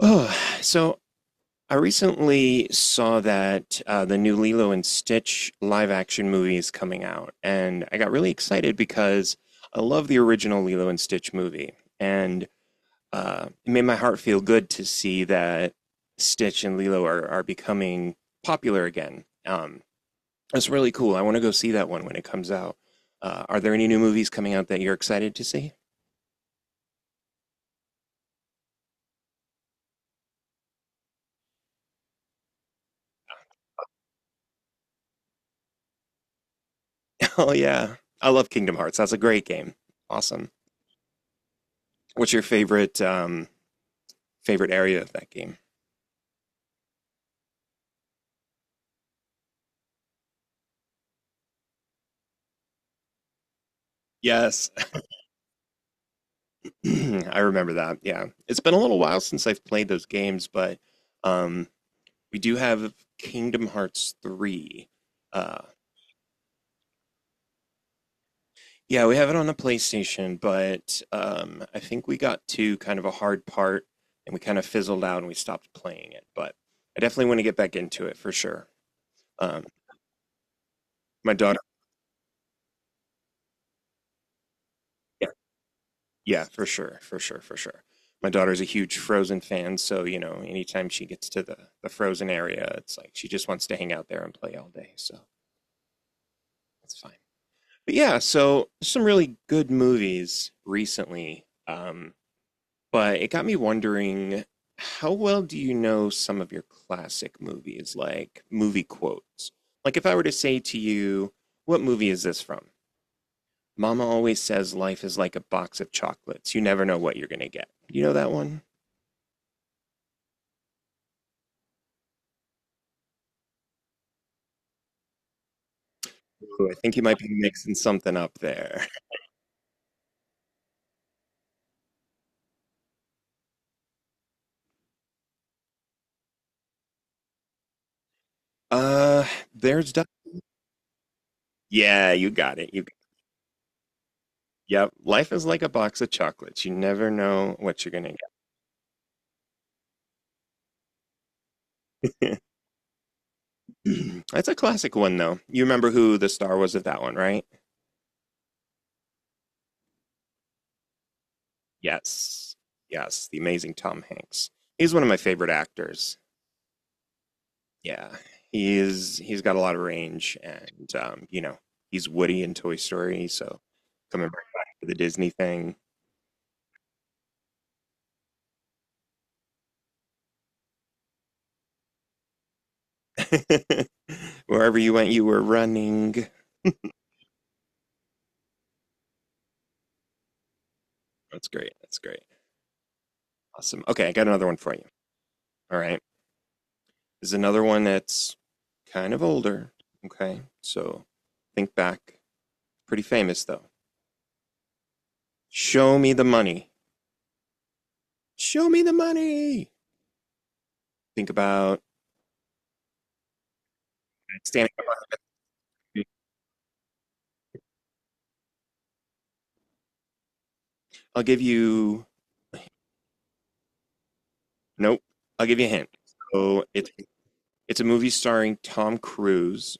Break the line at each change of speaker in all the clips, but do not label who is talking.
Oh, so I recently saw that the new Lilo and Stitch live action movie is coming out, and I got really excited because I love the original Lilo and Stitch movie, and it made my heart feel good to see that Stitch and Lilo are becoming popular again. That's really cool. I want to go see that one when it comes out. Are there any new movies coming out that you're excited to see? Oh, yeah. I love Kingdom Hearts. That's a great game. Awesome. What's your favorite favorite area of that game? Yes. I remember that. Yeah, it's been a little while since I've played those games, but um, we do have Kingdom Hearts 3. Uh, yeah, we have it on the PlayStation, but I think we got to kind of a hard part and we kind of fizzled out and we stopped playing it. But I definitely want to get back into it for sure. Um, my daughter, yeah. Yeah, for sure, for sure, for sure. My daughter's a huge Frozen fan, so you know, anytime she gets to the Frozen area, it's like she just wants to hang out there and play all day, so that's fine. But yeah, so some really good movies recently. But it got me wondering, how well do you know some of your classic movies, like movie quotes? Like if I were to say to you, what movie is this from? Mama always says life is like a box of chocolates. You never know what you're gonna get. You know that one? Ooh, I think you might be mixing something up there. Uh, there's du- yeah, you got it. You yep. Life is like a box of chocolates. You never know what you're gonna get. That's a classic one though. You remember who the star was of that one, right? Yes, yes, the amazing Tom Hanks. He's one of my favorite actors. Yeah, he's he's got a lot of range, and you know, he's Woody in Toy Story, so coming right back to the Disney thing. Wherever you went, you were running. That's great. That's great. Awesome. Okay, I got another one for you. All right. This is another one that's kind of older. Okay. So think back. Pretty famous though. Show me the money. Show me the money. Think about standing up. I'll give you Nope. I'll give you a hint. So it's a movie starring Tom Cruise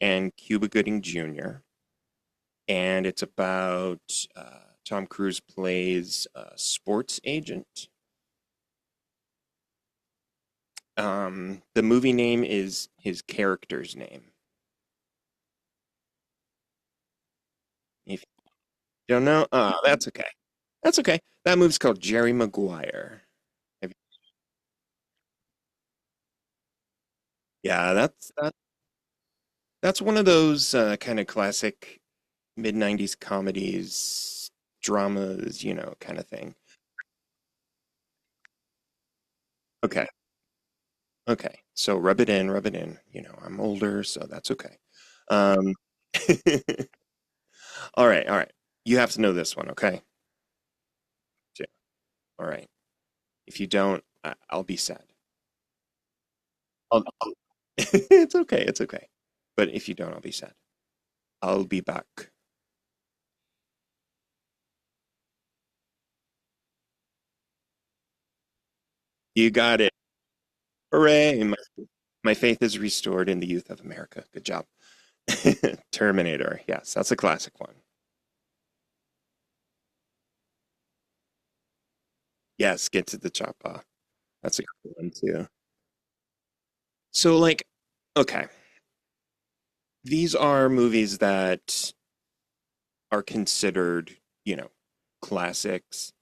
and Cuba Gooding Jr. And it's about Tom Cruise plays a sports agent. The movie name is his character's name. If you don't know, that's okay. That's okay. That movie's called Jerry Maguire. Have- you- Yeah, that's one of those kind of classic mid '90s comedies, dramas, you know, kind of thing. Okay, okay. So rub it in, rub it in. You know, I'm older, so that's okay. Um, all right, all right. You have to know this one, okay? Yeah. All right. If you don't, I- I'll be sad. I'll, I'll- it's okay. It's okay. But if you don't, I'll be sad. I'll be back. You got it. Hooray. My faith is restored in the youth of America. Good job. Terminator. Yes, that's a classic one. Yes, get to the choppa. That's a good one too. So, like, okay, these are movies that are considered, you know, classics,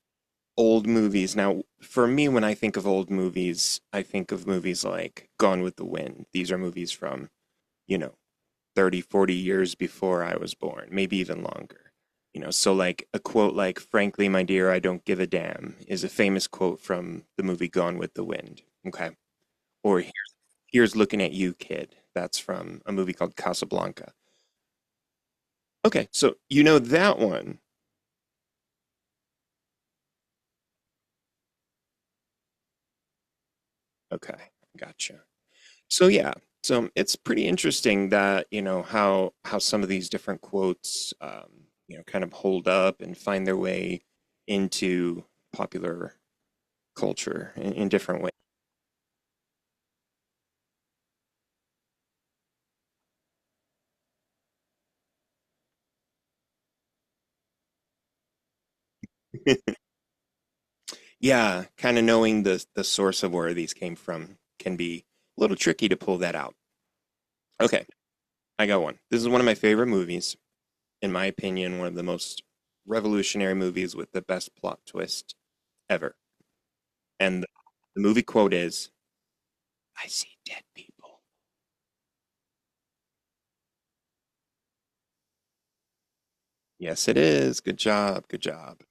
old movies. Now, for me, when I think of old movies, I think of movies like Gone with the Wind. These are movies from, you know, 30, 40 years before I was born, maybe even longer. You know, so like a quote like, frankly, my dear, I don't give a damn is a famous quote from the movie Gone with the Wind. Okay. Or here's looking at you, kid. That's from a movie called Casablanca. Okay. So you know that one. Okay. Gotcha. So yeah. So it's pretty interesting that, you know, how some of these different quotes you know, kind of hold up and find their way into popular culture in different ways. Yeah, kind of knowing the source of where these came from can be a little tricky to pull that out. Okay, I got one. This is one of my favorite movies, in my opinion, one of the most revolutionary movies with the best plot twist ever. And the movie quote is, "I see dead people." Yes, it is. Good job. Good job.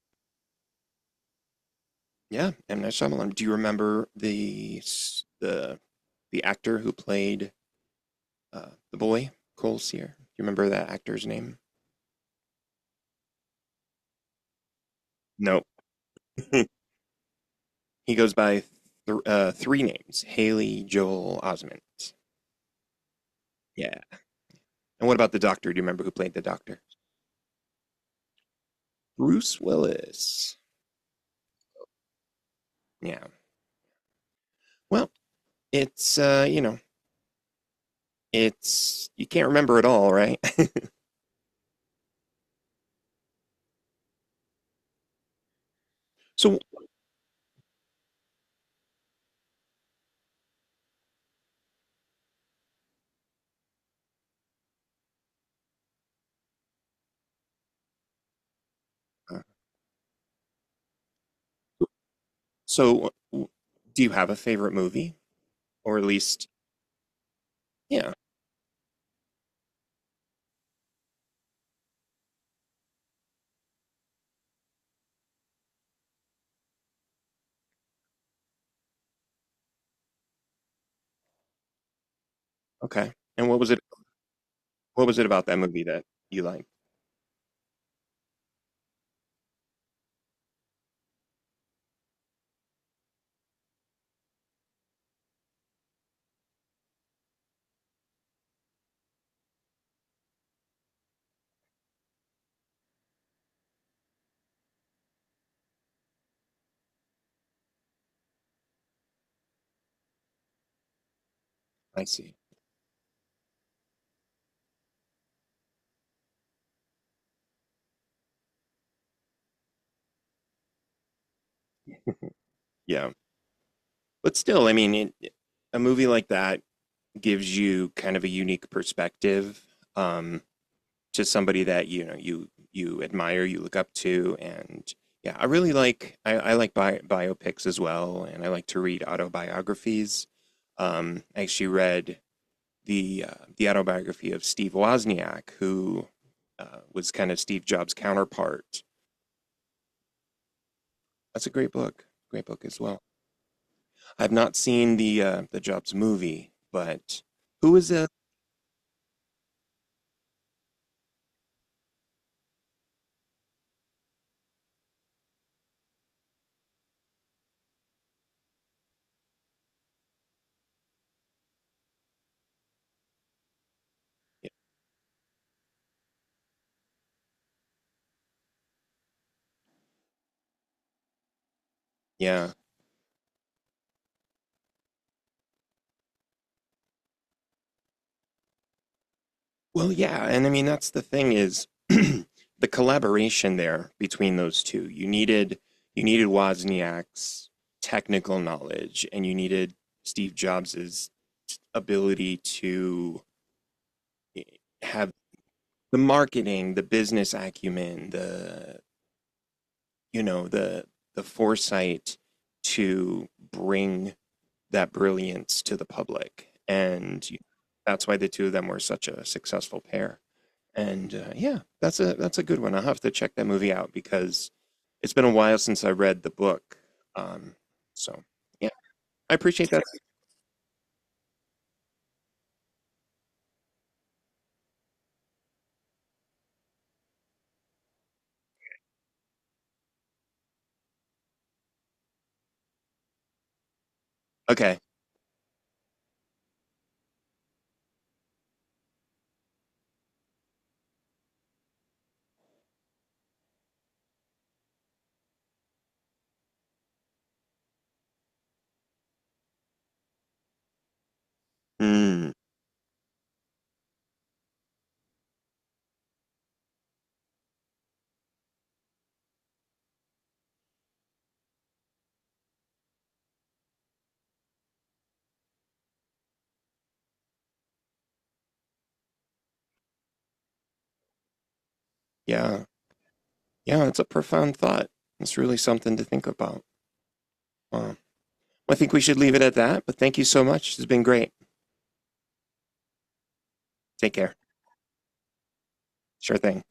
Yeah, M Night Shyamalan. Do you remember the the actor who played the boy Cole Sear? Do you remember that actor's name? No. He goes by three names: Haley Joel Osment. Yeah. And what about the Doctor? Do you remember who played the Doctor? Bruce Willis. Yeah. Well, it's you know, it's you can't remember it all, right? So, uh, so do you have a favorite movie, or at least yeah? Okay. And what was it? What was it about that movie that you liked? I see. Yeah. But still, I mean, a movie like that gives you kind of a unique perspective um, to somebody that you know you admire, you look up to, and yeah, I like biopics as well, and I like to read autobiographies. I actually read the autobiography of Steve Wozniak, who was kind of Steve Jobs' counterpart. That's a great book as well. I've not seen the Jobs movie, but who is it? Yeah. Well, yeah, and I mean that's the thing is the collaboration there between those two. You needed Wozniak's technical knowledge, and you needed Steve Jobs's ability to eh, have the marketing, the business acumen, the you know the foresight to bring that brilliance to the public, and that's why the two of them were such a successful pair. And yeah, that's a good one. I'll have to check that movie out because it's been a while since I read the book. Um, so yeah, I appreciate that. Okay. Mm, yeah, yeah, it's a profound thought. It's really something to think about. Wow. Well, I think we should leave it at that. But thank you so much. It's been great. Take care. Sure thing.